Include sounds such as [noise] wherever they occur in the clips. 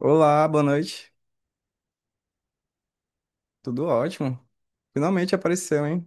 Olá, boa noite. Tudo ótimo. Finalmente apareceu, hein?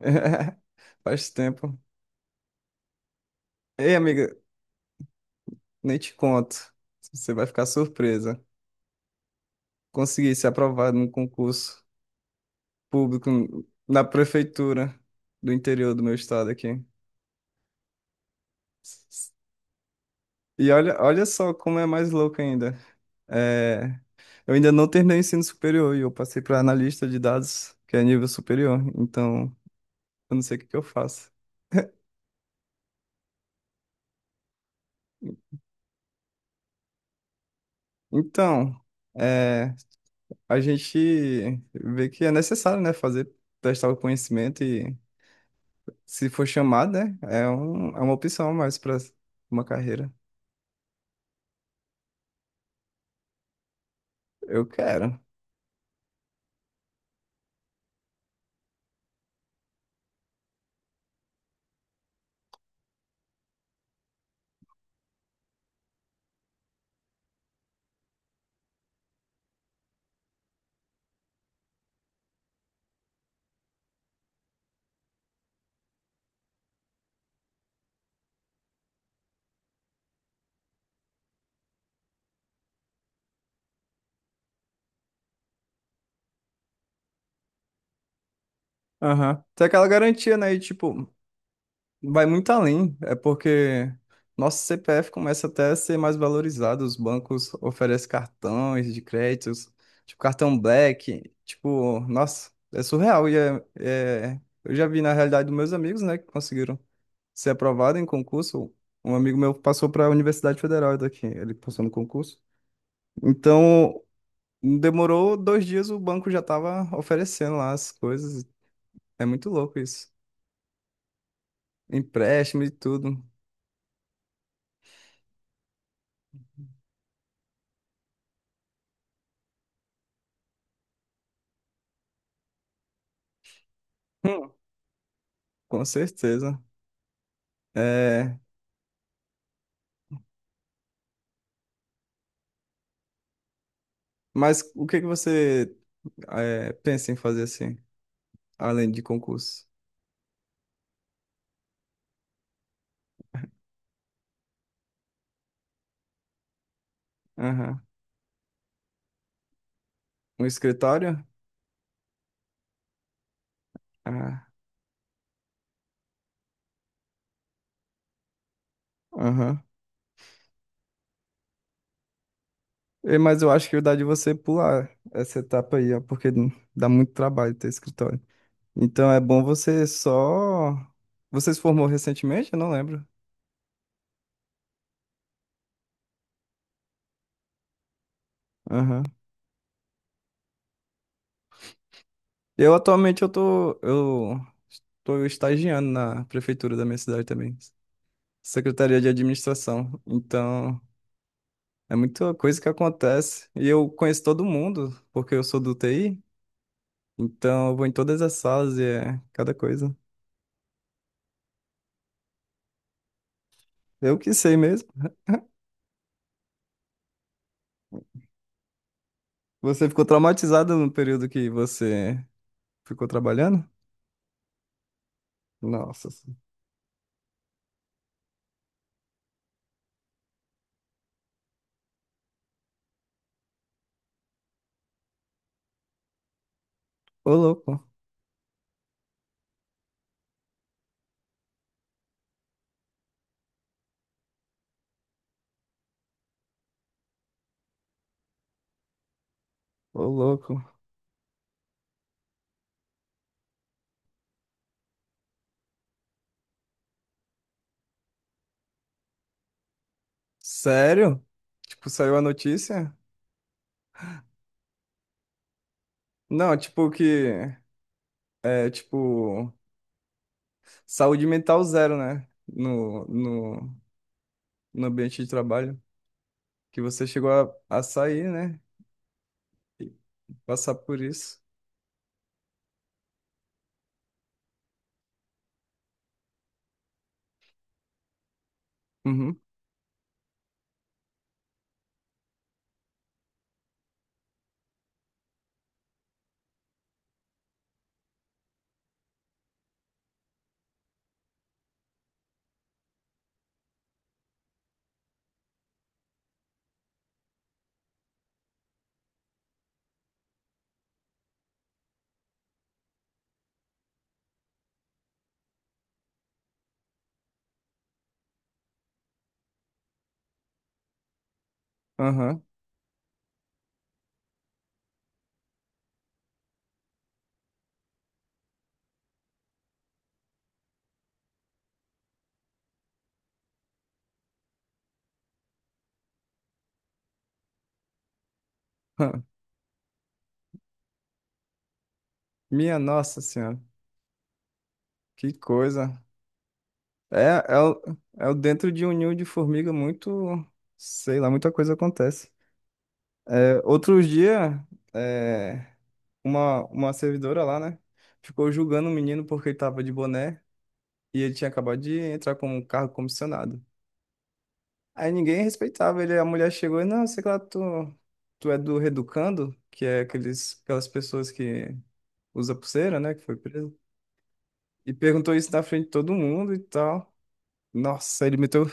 [laughs] Faz tempo. Ei, amiga, nem te conto. Você vai ficar surpresa. Consegui ser aprovado no concurso público na prefeitura do interior do meu estado aqui. E olha só como é mais louco ainda. É, eu ainda não terminei o ensino superior e eu passei para analista de dados, que é nível superior. Então, eu não sei o que que eu faço. Então, é, a gente vê que é necessário, né, fazer, testar o conhecimento e se for chamado, né, é uma opção a mais para uma carreira. Eu quero. Aham. Tem aquela garantia, né, e tipo, vai muito além, é porque nosso CPF começa até a ser mais valorizado, os bancos oferecem cartões de créditos, tipo cartão Black, tipo, nossa, é surreal e eu já vi na realidade dos meus amigos, né, que conseguiram ser aprovado em concurso, um amigo meu passou para a Universidade Federal daqui, ele passou no concurso. Então, demorou dois dias, o banco já estava oferecendo lá as coisas. É muito louco isso. Empréstimo e tudo. Hum. Com certeza. É, mas o que que você pensa em fazer assim, além de concurso? Aham. Um escritório? Ah, aham. Mas eu acho que dá de você pular essa etapa aí, ó, porque dá muito trabalho ter escritório. Então é bom você só. Você se formou recentemente? Eu não lembro. Aham. Eu atualmente eu tô estagiando na prefeitura da minha cidade também. Secretaria de Administração. Então, é muita coisa que acontece. E eu conheço todo mundo, porque eu sou do TI. Então, eu vou em todas as salas e é cada coisa. Eu que sei mesmo. Você ficou traumatizado no período que você ficou trabalhando? Nossa. Ô, louco. Ô, louco. Sério? Tipo, saiu a notícia? Não, tipo que é tipo saúde mental zero, né? No, no ambiente de trabalho. Que você chegou a sair, né? E passar por isso. Uhum. Aham. [laughs] hã. Minha nossa senhora. Que coisa. É, é, o- é o dentro de um ninho de formiga muito, sei lá, muita coisa acontece. É, outros dias, é, uma servidora lá, né? Ficou julgando o menino porque ele tava de boné. E ele tinha acabado de entrar com um cargo comissionado. Aí ninguém respeitava ele. A mulher chegou e, não, sei lá, tu é do Reeducando, que é aquelas pessoas que usa pulseira, né, que foi preso. E perguntou isso na frente de todo mundo e tal. Nossa, ele meteu.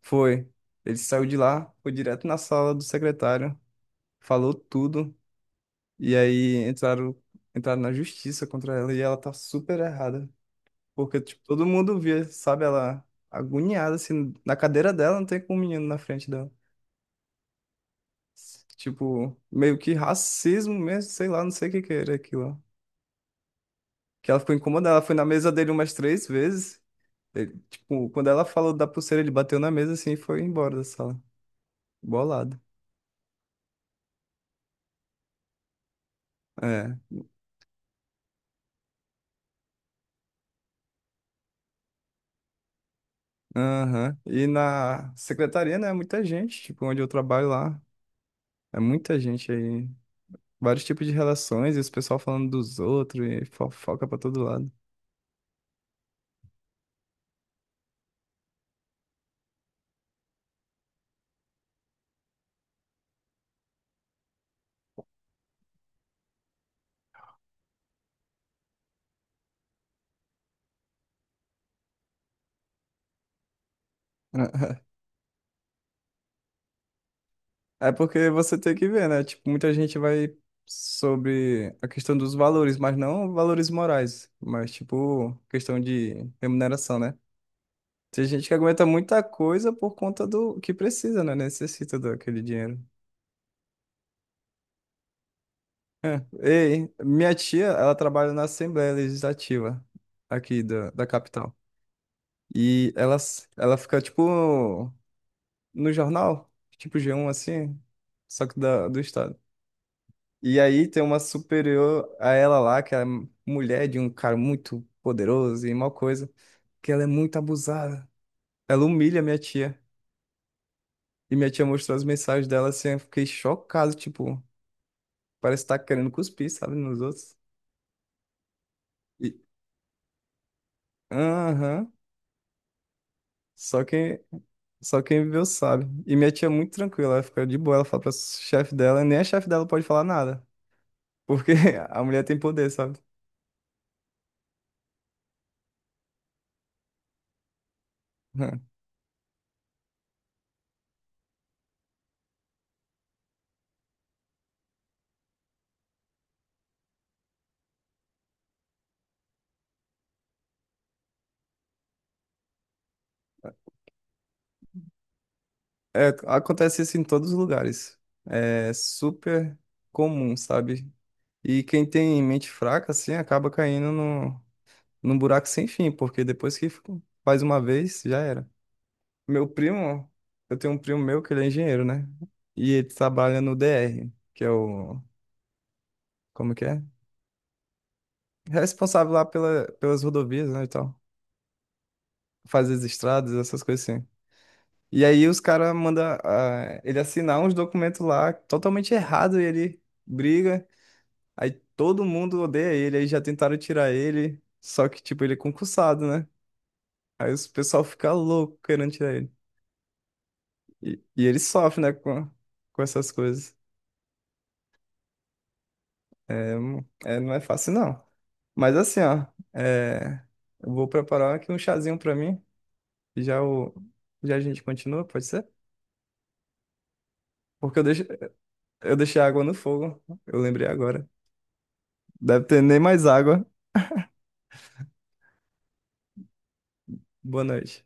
Foi. Ele saiu de lá, foi direto na sala do secretário, falou tudo. E aí entraram na justiça contra ela e ela tá super errada. Porque, tipo, todo mundo via, sabe? Ela agoniada, assim, na cadeira dela, não tem com o menino na frente dela. Tipo, meio que racismo mesmo, sei lá, não sei o que que era aquilo. Que ela ficou incomodada, ela foi na mesa dele umas três vezes. Ele, tipo, quando ela falou da pulseira, ele bateu na mesa assim e foi embora da sala. Bolado. É. Aham. E na secretaria, né? Muita gente, tipo, onde eu trabalho lá. É muita gente aí. Vários tipos de relações, e os pessoal falando dos outros, e fofoca pra todo lado. [laughs] É porque você tem que ver, né? Tipo, muita gente vai sobre a questão dos valores, mas não valores morais, mas tipo, questão de remuneração, né? Tem gente que aguenta muita coisa por conta do que precisa, né? Necessita daquele dinheiro. É. Ei, minha tia, ela trabalha na Assembleia Legislativa aqui da capital. E ela fica, tipo, no jornal, tipo G1, assim, só que do estado. E aí tem uma superior a ela lá, que é mulher de um cara muito poderoso e mal coisa, que ela é muito abusada. Ela humilha minha tia. E minha tia mostrou as mensagens dela assim, eu fiquei chocado, tipo, parece estar querendo cuspir, sabe, nos outros. E aham, só quem só quem viveu sabe. E minha tia é muito tranquila, ela fica de boa, ela fala pra chefe dela, nem a chefe dela pode falar nada, porque [laughs] a mulher tem poder, sabe? É, acontece isso em todos os lugares. É super comum, sabe? E quem tem mente fraca, assim, acaba caindo no, num buraco sem fim, porque depois que faz uma vez, já era. Meu primo, eu tenho um primo meu que ele é engenheiro, né? E ele trabalha no DR, que é o, como que é? Responsável lá pelas rodovias, né, e tal. Faz as estradas, essas coisas assim. E aí os caras mandam ele assinar uns documentos lá totalmente errado e ele briga. Aí todo mundo odeia ele, aí já tentaram tirar ele, só que, tipo, ele é concursado, né? Aí o pessoal fica louco querendo tirar ele. E ele sofre, né, com essas coisas. Não é fácil, não. Mas assim, ó, é, eu vou preparar aqui um chazinho pra mim, e já, o, já a gente continua, pode ser? Porque eu deixei a água no fogo, eu lembrei agora. Deve ter nem mais água. Boa noite.